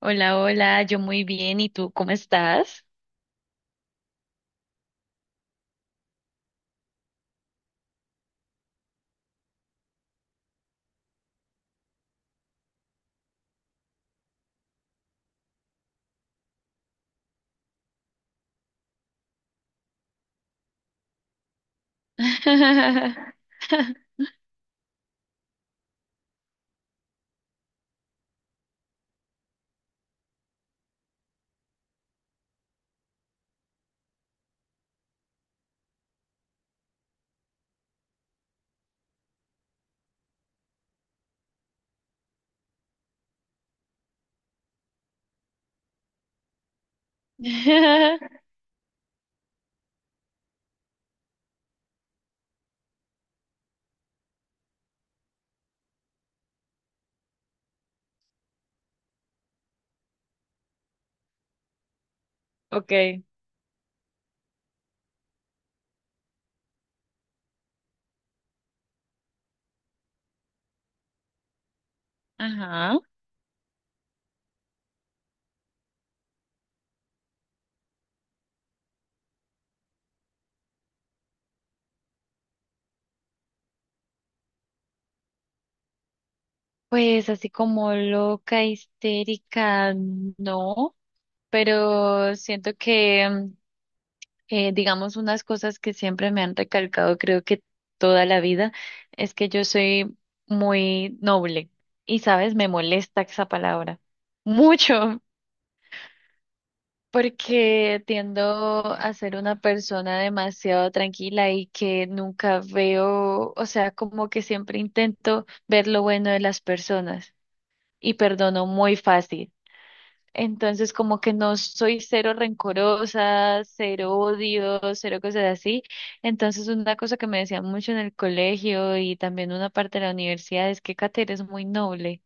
Hola, hola, yo muy bien, ¿y tú cómo estás? Okay. Ajá. Pues así como loca, histérica, no, pero siento que, digamos, unas cosas que siempre me han recalcado, creo que toda la vida, es que yo soy muy noble y, sabes, me molesta esa palabra. Mucho. Porque tiendo a ser una persona demasiado tranquila y que nunca veo, o sea, como que siempre intento ver lo bueno de las personas y perdono muy fácil. Entonces, como que no soy cero rencorosa, cero odio, cero cosas así. Entonces, una cosa que me decían mucho en el colegio y también una parte de la universidad es que Kate, eres muy noble,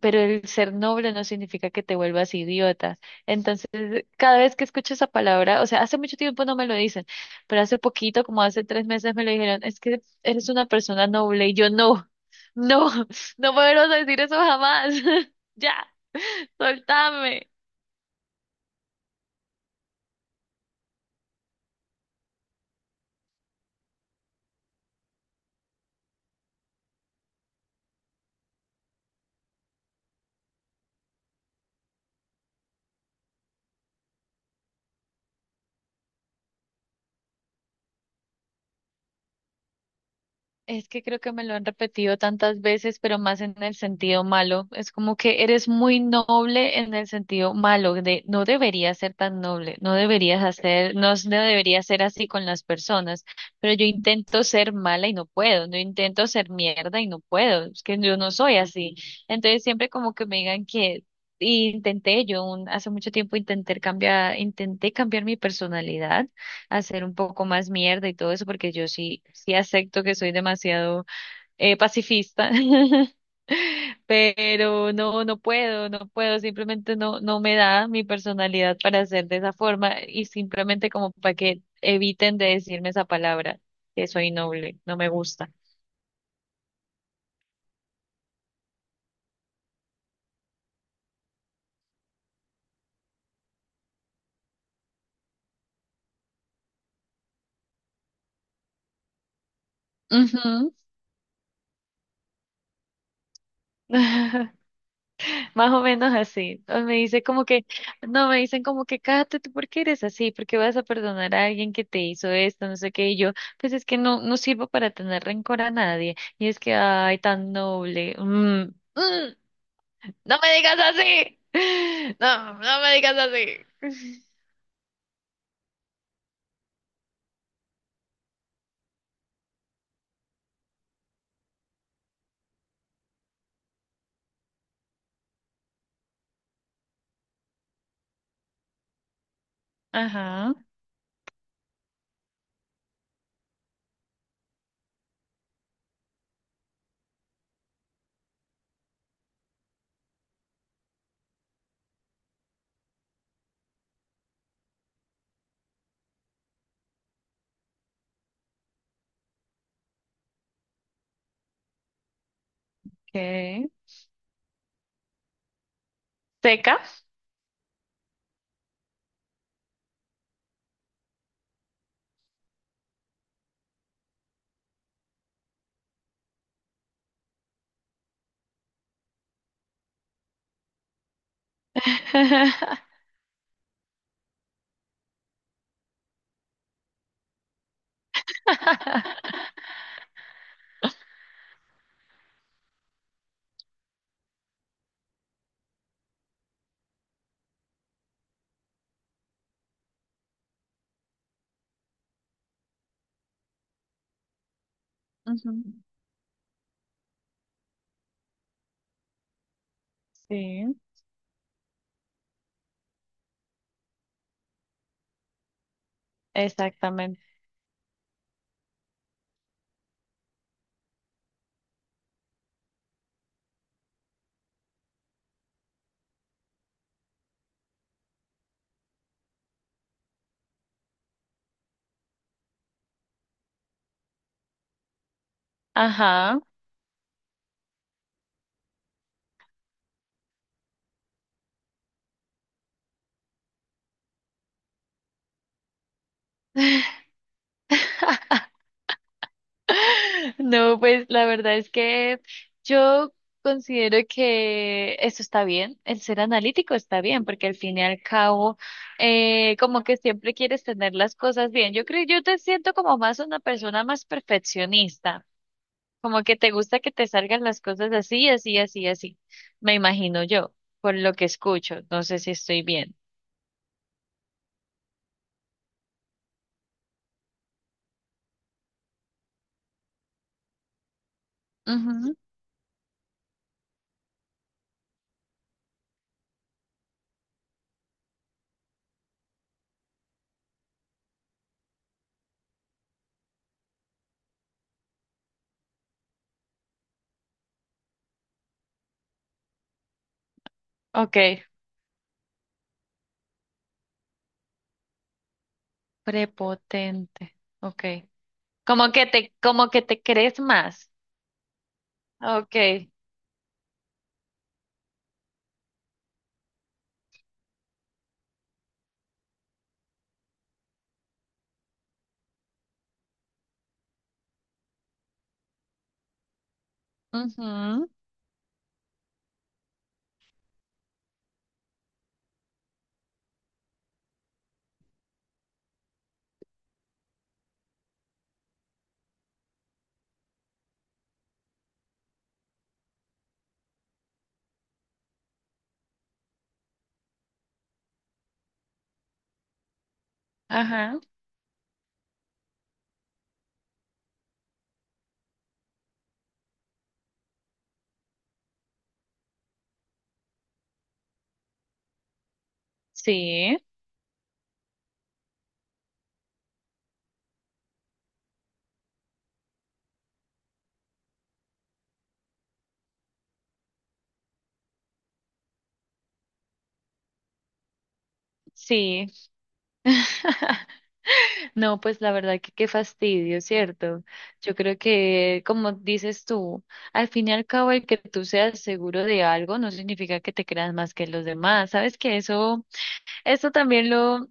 pero el ser noble no significa que te vuelvas idiota. Entonces, cada vez que escucho esa palabra, o sea, hace mucho tiempo no me lo dicen, pero hace poquito, como hace 3 meses, me lo dijeron, es que eres una persona noble y yo, no, no, no me vuelvas a decir eso jamás. Ya, soltame. Es que creo que me lo han repetido tantas veces, pero más en el sentido malo. Es como que eres muy noble en el sentido malo, de no deberías ser tan noble, no deberías hacer, no, s- no deberías ser así con las personas. Pero yo intento ser mala y no puedo, no intento ser mierda y no puedo, es que yo no soy así. Entonces siempre como que me digan que, y intenté yo un, hace mucho tiempo intenté cambiar mi personalidad, hacer un poco más mierda y todo eso, porque yo sí, sí acepto que soy demasiado pacifista. Pero no, no puedo, no puedo, simplemente no, no me da mi personalidad para ser de esa forma y simplemente como para que eviten de decirme esa palabra, que soy noble, no me gusta. Ujú. Más o menos así. O me dice como que, no, me dicen como que, cállate, ¿tú por qué eres así? ¿Por qué vas a perdonar a alguien que te hizo esto? No sé qué. Y yo, pues es que no, no sirvo para tener rencor a nadie. Y es que, ay, tan noble. Mm, no me digas así. No, no me digas así. Ajá, ok. Seca. Ujú. Sí, exactamente. Ajá. No, pues la verdad es que yo considero que eso está bien, el ser analítico está bien, porque al fin y al cabo, como que siempre quieres tener las cosas bien. Yo creo, yo te siento como más una persona más perfeccionista, como que te gusta que te salgan las cosas así, así, así, así. Me imagino yo, por lo que escucho, no sé si estoy bien. Ujú. Ok, prepotente, ok. Como que te crees más. Ok. Ujú. Ajá, sí, sí. No, pues la verdad que qué fastidio, ¿cierto? Yo creo que, como dices tú, al fin y al cabo el que tú seas seguro de algo no significa que te creas más que los demás. Sabes que eso también lo,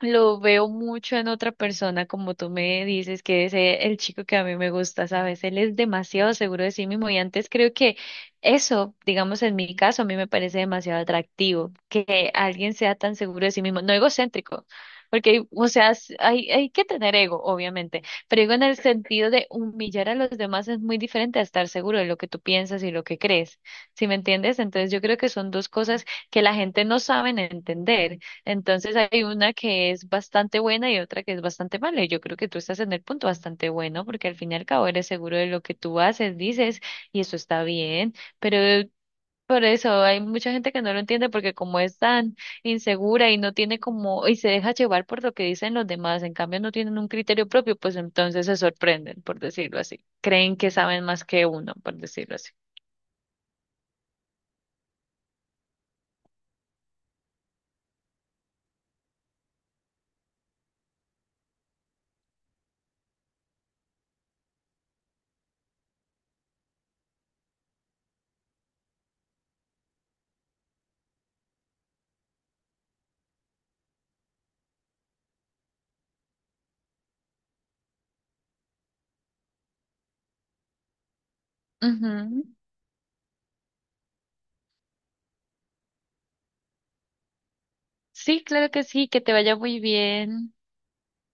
Lo veo mucho en otra persona, como tú me dices, que es el chico que a mí me gusta, ¿sabes? Él es demasiado seguro de sí mismo y antes creo que eso, digamos en mi caso, a mí me parece demasiado atractivo, que alguien sea tan seguro de sí mismo, no egocéntrico, porque, o sea, s- hay que tener ego, obviamente, pero digo en el sentido de humillar a los demás es muy diferente a estar seguro de lo que tú piensas y lo que crees, ¿sí me entiendes? Entonces yo creo que son dos cosas que la gente no saben entender. Entonces hay una que es bastante buena y otra que es bastante mala. Y yo creo que tú estás en el punto bastante bueno porque al fin y al cabo eres seguro de lo que tú haces, dices, y eso está bien. Pero por eso hay mucha gente que no lo entiende porque como es tan insegura y no tiene como, y se deja llevar por lo que dicen los demás, en cambio no tienen un criterio propio, pues entonces se sorprenden, por decirlo así. Creen que saben más que uno, por decirlo así. Ujú. Sí, claro que sí, que te vaya muy bien.